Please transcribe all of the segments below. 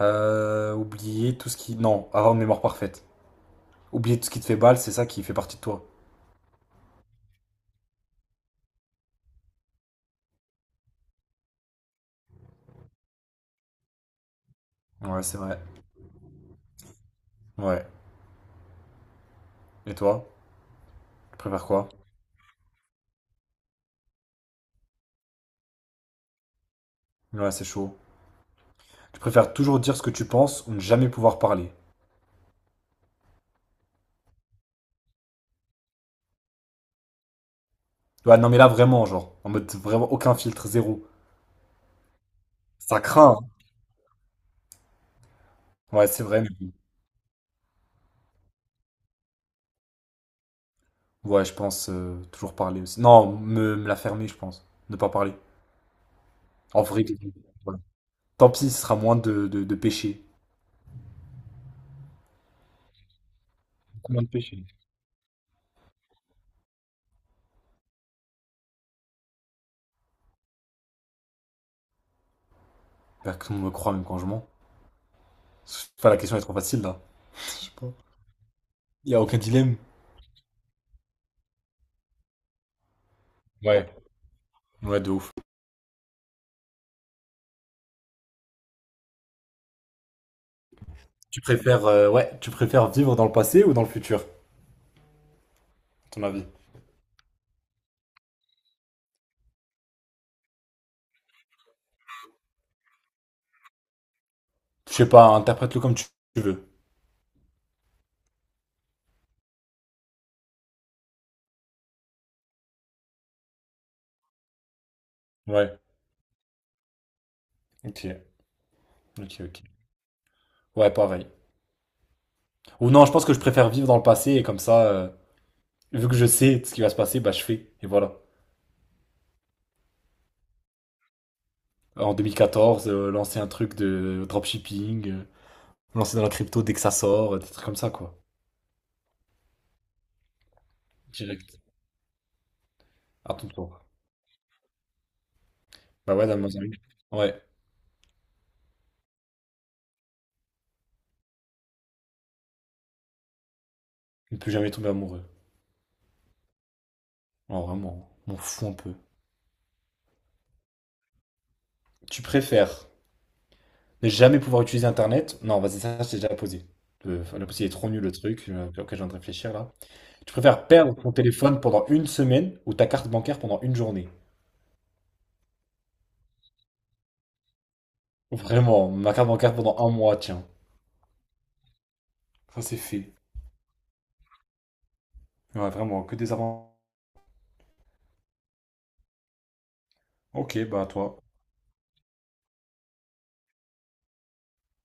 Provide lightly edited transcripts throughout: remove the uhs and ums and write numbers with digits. Oublier tout ce qui... Non, avoir une mémoire parfaite. Oublier tout ce qui te fait balle, c'est ça qui fait partie de toi. Ouais, c'est vrai. Ouais. Et toi? Tu préfères quoi? Ouais, c'est chaud. Tu préfères toujours dire ce que tu penses ou ne jamais pouvoir parler? Ouais, non, mais là, vraiment, genre, en mode vraiment aucun filtre, zéro. Ça craint, hein. Ouais, c'est vrai, mais bon. Ouais, je pense toujours parler aussi. Non, me la fermer, je pense. Ne pas parler. En vrai, ouais. Tant pis, ce sera moins de péché. J'espère que tout le monde me croit, même quand je mens. Enfin, la question est trop facile, là. Je sais pas. Il n'y a aucun dilemme. Ouais, ouais, de ouf. Tu préfères, ouais, tu préfères vivre dans le passé ou dans le futur, à ton avis? Je sais pas, interprète-le comme tu veux. Ouais, ok, ok, ok. Ouais, pareil. Ou non, je pense que je préfère vivre dans le passé et comme ça, vu que je sais ce qui va se passer, bah je fais. Et voilà. En 2014, lancer un truc de dropshipping, lancer dans la crypto dès que ça sort, des trucs comme ça, quoi. Direct. À ton tour. Bah ouais, dans ma zone. Ouais. Ne plus jamais tomber amoureux. Oh, vraiment, m'en fous un peu. Tu préfères ne jamais pouvoir utiliser Internet. Non, vas-y, ça, c'est déjà posé. La possibilité est trop nul le truc auquel je viens de réfléchir là. Tu préfères perdre ton téléphone pendant une semaine ou ta carte bancaire pendant une journée? Vraiment, ma carte bancaire pendant un mois, tiens. Ça, c'est fait. Ouais, vraiment, que des avantages. Ok, bah toi.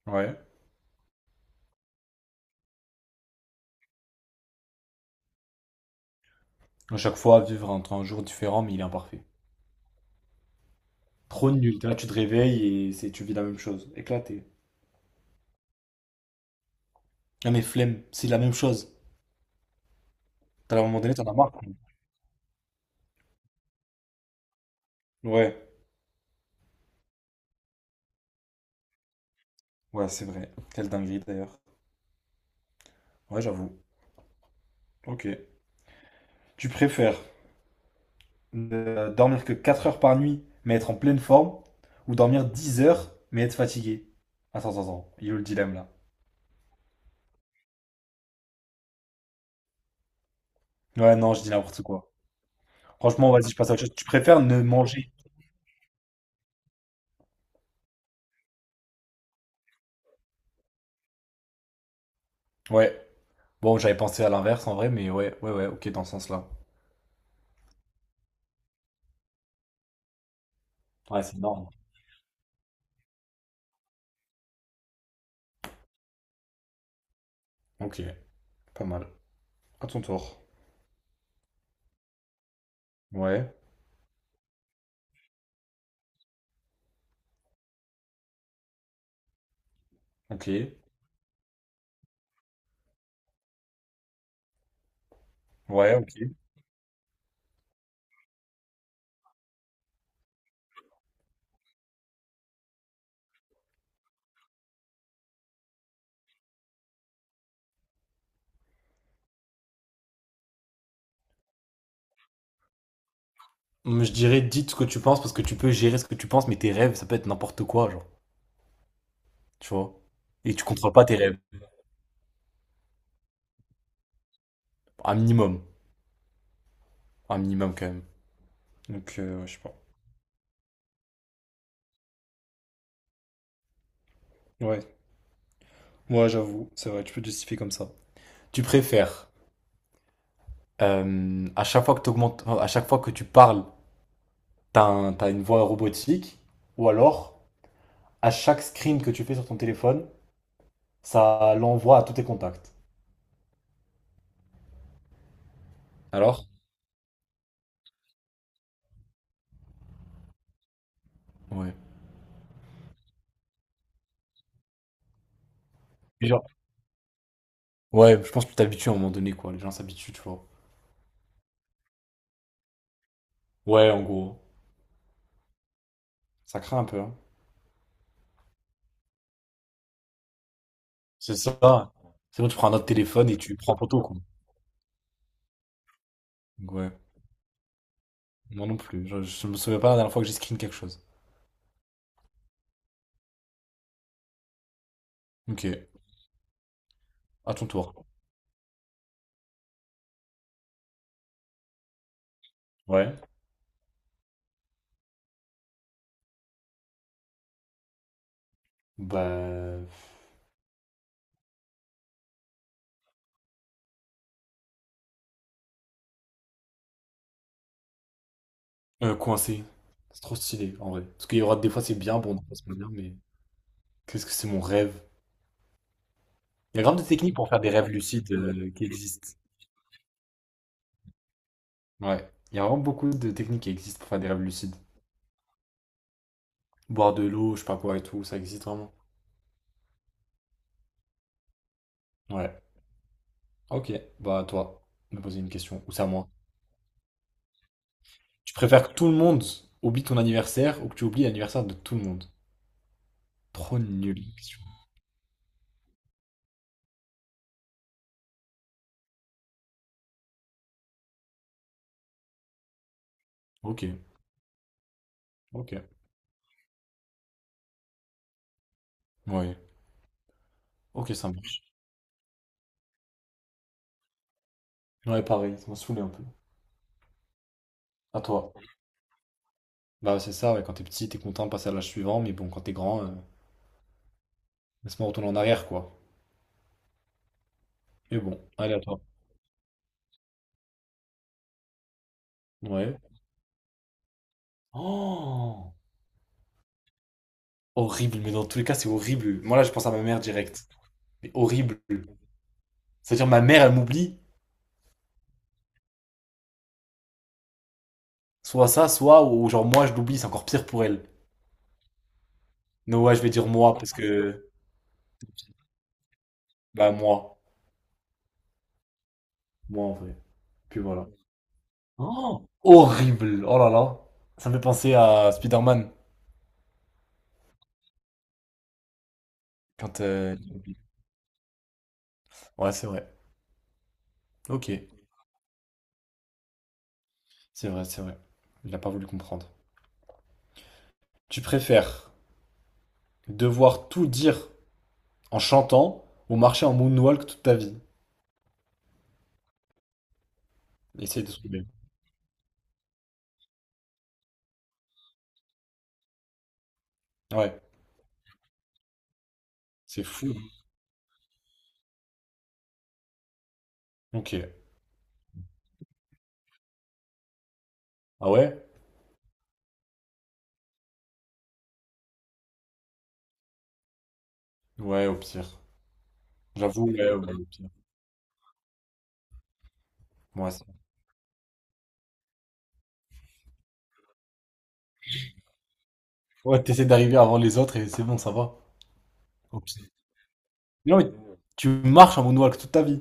Ouais. À chaque fois, vivre entre un jour différent, mais il est imparfait. Trop nul. Là, tu te réveilles et c'est, tu vis la même chose. Éclaté. Ah, mais flemme, c'est la même chose. T'as à un moment donné, t'en as marre, quoi. Ouais, ouais, c'est vrai. Quelle dinguerie d'ailleurs. Ouais, j'avoue. Ok. Tu préfères dormir que 4 heures par nuit, mais être en pleine forme, ou dormir 10 heures, mais être fatigué? Attends, attends, attends, il est où le dilemme là? Ouais, non, je dis n'importe quoi. Franchement, vas-y, je passe à autre chose. Tu préfères ne manger? Ouais. Bon, j'avais pensé à l'inverse en vrai, mais ouais, ouais, ouais, ok, dans ce sens-là. Ouais, c'est énorme. Ok, pas mal. À ton tour. Ouais, ok. Ouais, ok. Je dirais, dites ce que tu penses parce que tu peux gérer ce que tu penses, mais tes rêves, ça peut être n'importe quoi, genre, tu vois. Et tu contrôles pas tes rêves. Un minimum. Un minimum quand même. Donc, ouais, je sais pas. Ouais, moi j'avoue, c'est vrai, tu peux te justifier comme ça. Tu préfères, à chaque fois que t'augmentes- enfin, à chaque fois que tu parles, t'as une voix robotique, ou alors, à chaque screen que tu fais sur ton téléphone, ça l'envoie à tous tes contacts. Alors? Ouais. Et genre... Ouais, je pense que tu t'habitues à un moment donné, quoi. Les gens s'habituent, tu vois. Ouais, en gros. Ça craint un peu, hein. C'est ça. Sinon, tu prends un autre téléphone et tu prends photo, quoi. Donc, ouais. Moi non plus. Je me souviens pas la dernière fois que j'ai screen quelque chose. Ok. À ton tour. Ouais. Bah, coincé. C'est trop stylé, en vrai. Parce qu'il y aura des fois c'est bien, bon, des fois c'est pas bien, mais qu'est-ce que c'est mon rêve? Il y a vraiment des techniques pour faire des rêves lucides qui existent. Ouais, il y a vraiment beaucoup de techniques qui existent pour faire des rêves lucides. Boire de l'eau, je sais pas quoi et tout, ça existe vraiment. Ouais. Ok, bah à toi, de me poser une question, ou c'est à moi. Tu préfères que tout le monde oublie ton anniversaire ou que tu oublies l'anniversaire de tout le monde? Trop nul, question. Ok, ok. Ouais, ok, ça marche. Ouais, pareil, ça m'a saoulé un peu. À toi. Bah, c'est ça, ouais, quand t'es petit, t'es content de passer à l'âge suivant, mais bon, quand t'es grand, laisse-moi retourner en arrière, quoi. Mais bon, allez à toi. Ouais. Oh! Horrible, mais dans tous les cas, c'est horrible. Moi, là, je pense à ma mère direct. Mais horrible. C'est-à-dire, ma mère, elle m'oublie. Soit ça, soit, ou genre, moi, je l'oublie, c'est encore pire pour elle. Non ouais, je vais dire moi, parce que, bah, moi. Moi, en vrai. Puis voilà. Oh! Horrible! Oh là là. Ça me fait penser à Spider-Man, quand il oublie. Ouais, c'est vrai. Ok. C'est vrai, c'est vrai. Il a pas voulu comprendre. Tu préfères devoir tout dire en chantant ou marcher en moonwalk toute ta vie? Essaye de trouver. Ouais, c'est fou. Ok. Ah ouais? Ouais, au pire. J'avoue, ouais, ouais. Ouais, ouais, t'essaies d'arriver avant les autres et c'est bon, ça va. Non, mais tu marches en moonwalk toute ta vie.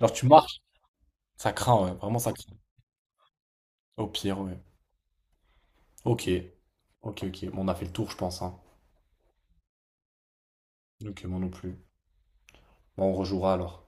Alors tu marches, ça craint, ouais, vraiment ça craint. Au pire, ouais. Ok, ok, ok. Bon, on a fait le tour, je pense, hein. Ok, moi non plus. Bon, on rejouera alors.